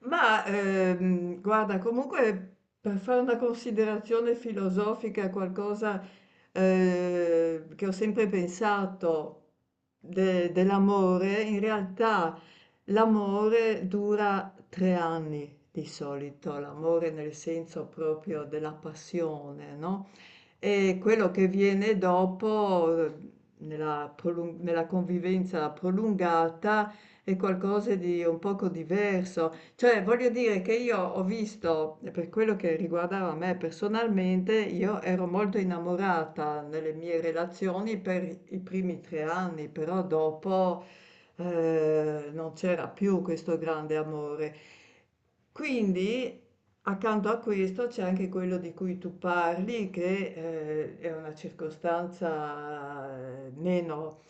Guarda, comunque per fare una considerazione filosofica, qualcosa che ho sempre pensato dell'amore, in realtà l'amore dura 3 anni di solito, l'amore nel senso proprio della passione, no? E quello che viene dopo, nella convivenza prolungata, è qualcosa di un poco diverso. Cioè, voglio dire che io ho visto, per quello che riguardava me personalmente, io ero molto innamorata nelle mie relazioni per i primi 3 anni, però dopo non c'era più questo grande amore. Quindi, accanto a questo c'è anche quello di cui tu parli, che è una circostanza meno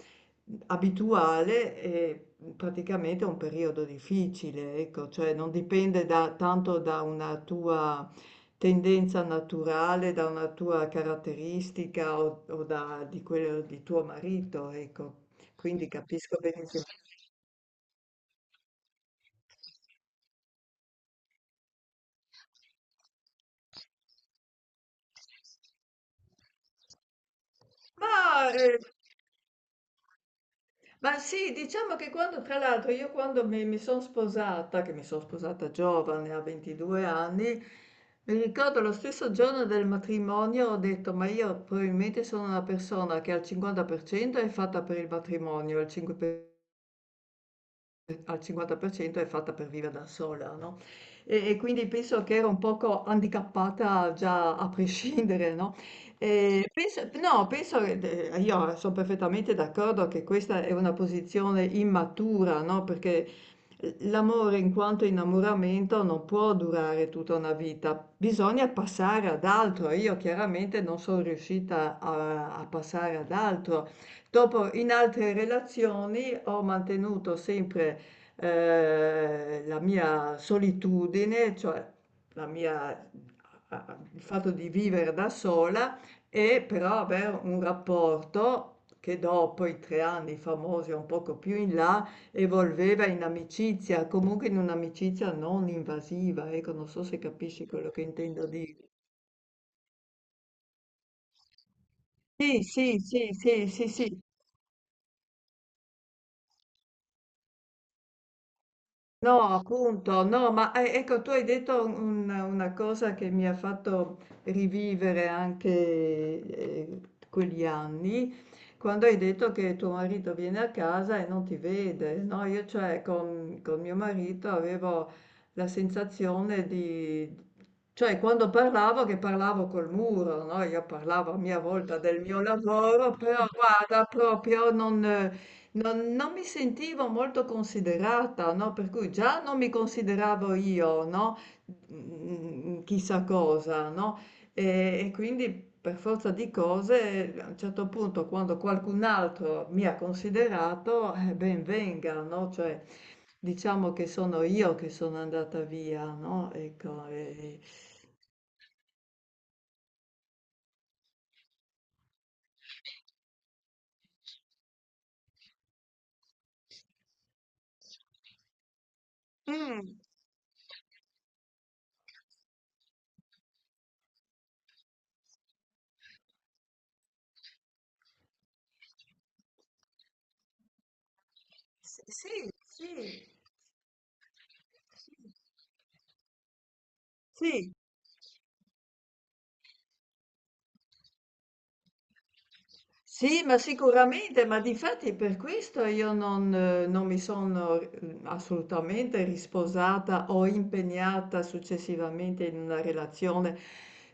abituale e, praticamente è un periodo difficile, ecco, cioè non dipende da tanto da una tua tendenza naturale, da una tua caratteristica o da di quello di tuo marito, ecco. Quindi capisco benissimo. Ma, ma sì, diciamo che quando, tra l'altro, io quando mi sono sposata, che mi sono sposata giovane, a 22 anni, mi ricordo lo stesso giorno del matrimonio ho detto, ma io probabilmente sono una persona che al 50% è fatta per il matrimonio, al 5%... Al 50% è fatta per vivere da sola, no, e quindi penso che ero un poco handicappata già a prescindere, no, penso no, penso che de io son perfettamente d'accordo che questa è una posizione immatura, no, perché, l'amore in quanto innamoramento non può durare tutta una vita, bisogna passare ad altro. Io chiaramente non son riuscita a passare ad altro. Dopo in altre relazioni ho mantenuto sempre la mia solitudine, cioè la mia- il fatto di vivere da sola e però avere un rapporto che dopo i 3 anni famosi, un poco più in là, evolveva in amicizia, comunque in un'amicizia non invasiva, ecco, non so se capisci quello che intendo dire. Sì, sì, sì, sì, sì, sì. No, appunto, no, ma ecco, tu hai detto una cosa che mi ha fatto rivivere anche eh, quegli anni, quando hai detto che tuo marito viene a casa e non ti vede, no? Io cioè con mio marito avevo la sensazione di, cioè quando parlavo che parlavo col muro, no? Io parlavo a mia volta del mio lavoro, però guarda, proprio non... Non, non mi sentivo molto considerata, no? Per cui già non mi consideravo io, no? Chissà cosa, no? E quindi per forza di cose, a un certo punto, quando qualcun altro mi ha considerato, ben venga, no? Cioè, diciamo che sono io che sono andata via, no? Ecco, e- Mm, s- sì, sì. sì. Sì, ma sicuramente, ma difatti per questo io non, non mi sono assolutamente risposata o impegnata successivamente in una relazione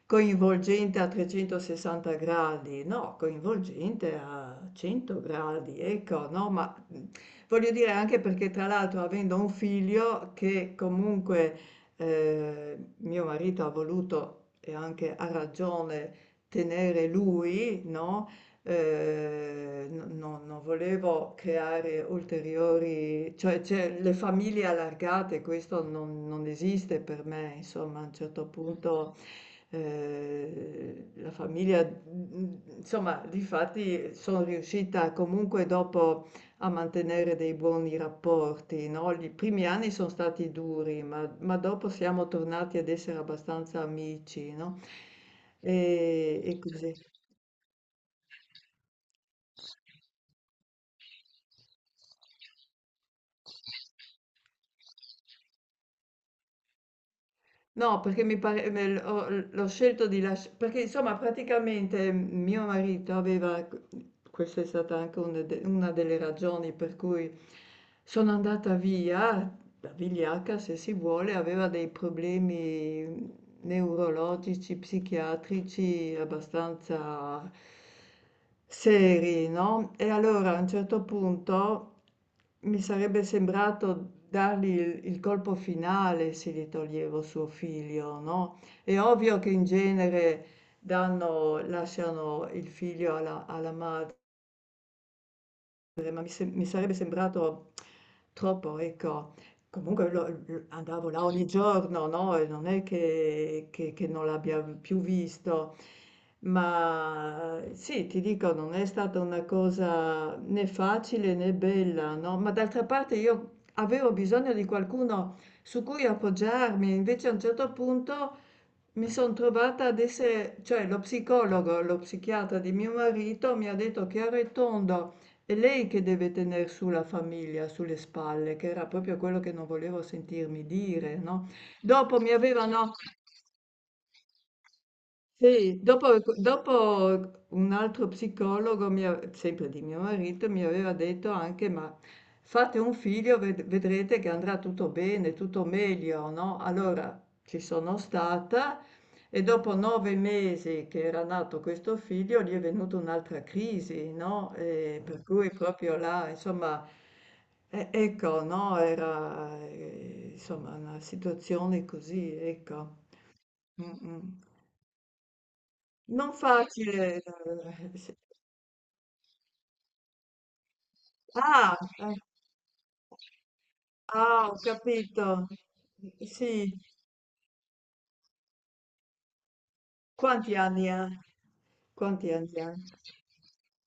coinvolgente a 360 gradi, no, coinvolgente a 100 gradi, ecco, no, ma voglio dire anche perché tra l'altro avendo un figlio che comunque mio marito ha voluto e anche a ragione tenere lui, no? Eh, non volevo creare ulteriori, cioè, le famiglie allargate, questo non, non esiste per me, insomma, a un certo punto la famiglia, insomma, difatti sono riuscita comunque dopo a mantenere dei buoni rapporti, no? I primi anni sono stati duri, ma dopo siamo tornati ad essere abbastanza amici, no? E così. No, perché mi pare me l ho l l'ho scelto di lascia perché insomma praticamente mio marito aveva q questa è stata anche un de una delle ragioni per cui sono andata via, da vigliacca se si vuole, aveva dei problemi neurologici, psichiatrici abbastanza seri, no? E allora a un certo punto mi sarebbe sembrato dargli il colpo finale se gli toglievo suo figlio, no? È ovvio che in genere danno, lasciano il figlio alla madre, mi sarebbe sembrato troppo, ecco. Comunque andavo là ogni giorno, no? E non è che che non l'abbia più visto, ma sì, ti dico, non è stata una cosa né facile né bella, no? Ma d'altra parte io avevo bisogno di qualcuno su cui appoggiarmi, invece a un certo punto mi sono trovata ad essere, cioè lo psicologo, lo psichiatra di mio marito mi ha detto chiaro e tondo, è lei che deve tener su la famiglia, sulle spalle, che era proprio quello che non volevo sentirmi dire, no? Dopo mi avevano, sì, dopo un altro psicologo, sempre di mio marito, mi aveva detto anche, ma fate un figlio, vedrete che andrà tutto bene, tutto meglio, no? Allora ci sono stata e dopo 9 mesi che era nato questo figlio, gli è venuta un'altra crisi, no? E per cui proprio là, insomma... Ecco, no, era insomma una situazione così, ecco. Mm, mm. Non facile. Se- ah, ah, ho capito. Sì, quanti anni ha? Quanti anni ha?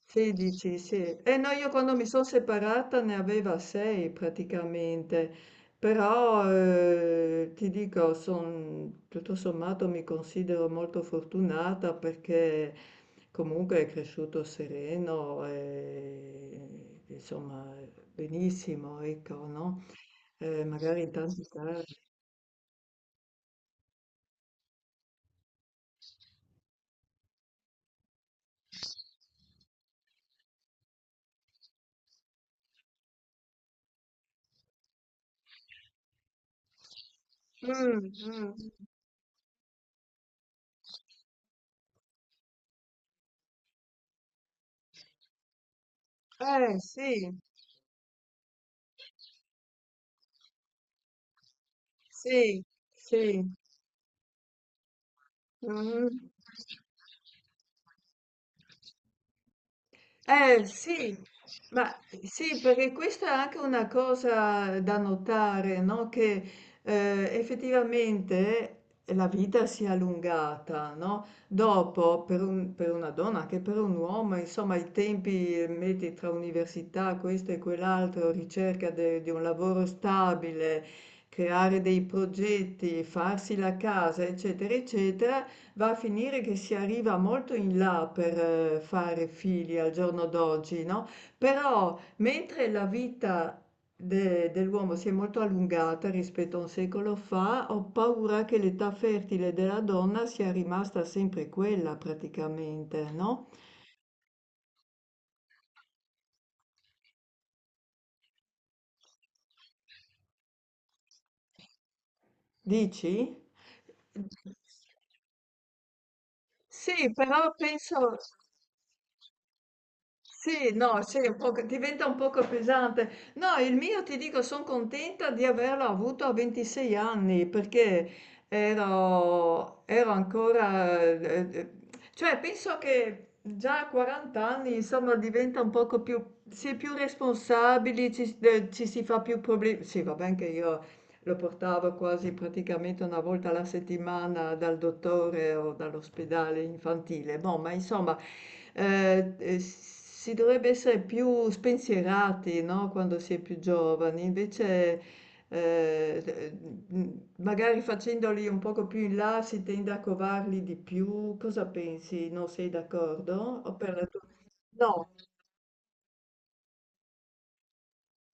16, sì. E no, io quando mi sono separata ne aveva 6 praticamente, però ti dico, son- tutto sommato mi considero molto fortunata perché comunque è cresciuto sereno e insomma benissimo, ecco, no? Magari in tanti casi. Mm, mm. Eh sì, sì, sì. Mm. Eh sì, ma sì, perché questa è anche una cosa da notare, no? Che effettivamente la vita si è allungata, no? Dopo, per per una donna, anche per un uomo, insomma, i tempi, metti tra università, questo e quell'altro, ricerca di un lavoro stabile, creare dei progetti, farsi la casa, eccetera, eccetera. Va a finire che si arriva molto in là per fare figli al giorno d'oggi, no? Però mentre la vita dell'uomo si è molto allungata rispetto a un secolo fa, ho paura che l'età fertile della donna sia rimasta sempre quella praticamente, no? Dici? Sì, però penso... Sì, no, sì, è un poco diventa un poco pesante. No, il mio ti dico, sono contenta di averlo avuto a 26 anni perché ero ancora, cioè penso che già a 40 anni, insomma, diventa un poco più, si è più responsabili, ci, ci si fa più problemi. Sì, va bene che io lo portavo quasi praticamente una volta alla settimana dal dottore o dall'ospedale infantile. Boh, ma insomma, si dovrebbe essere più spensierati, no? Quando si è più giovani. Invece, eh, eh, magari facendoli un poco più in là si tende a covarli di più. Cosa pensi? Non sei d'accordo? O per la tua... No,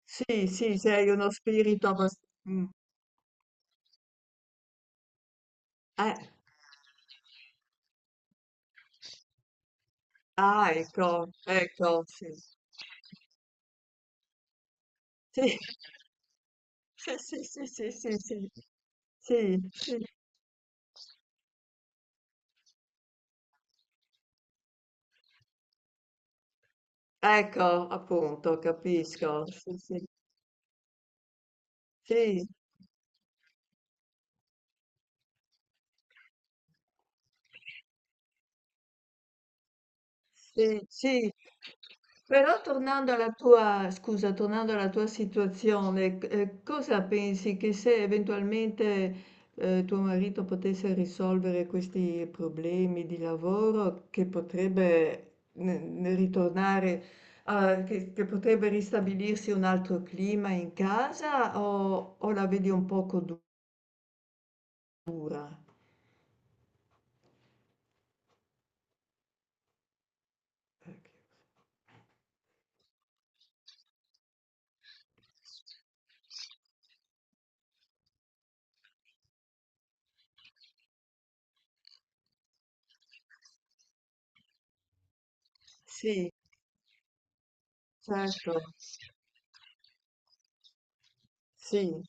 sì, sì, sei uno spirito abbastanza... Ah, ecco, ecco, sì. Sì, sì, sì, sì, sì, sì, sì, sì. Ecco, appunto, capisco. Sì, sì, sì. Sì, sì. Però tornando alla tua scusa, tornando alla tua situazione, cosa pensi che se eventualmente tuo marito potesse risolvere questi problemi di lavoro, che potrebbe ne ritornare, che potrebbe ristabilirsi un altro clima in casa o la vedi un poco dura? Ecco. Sì, certo, sì.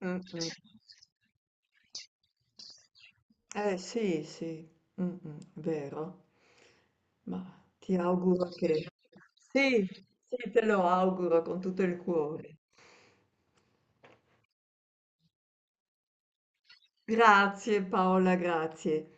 Mm, mm. Eh sì, sì, mh-mh, vero. Ma ti auguro che... Sì, sì, te lo auguro con tutto il cuore. Grazie Paola, grazie.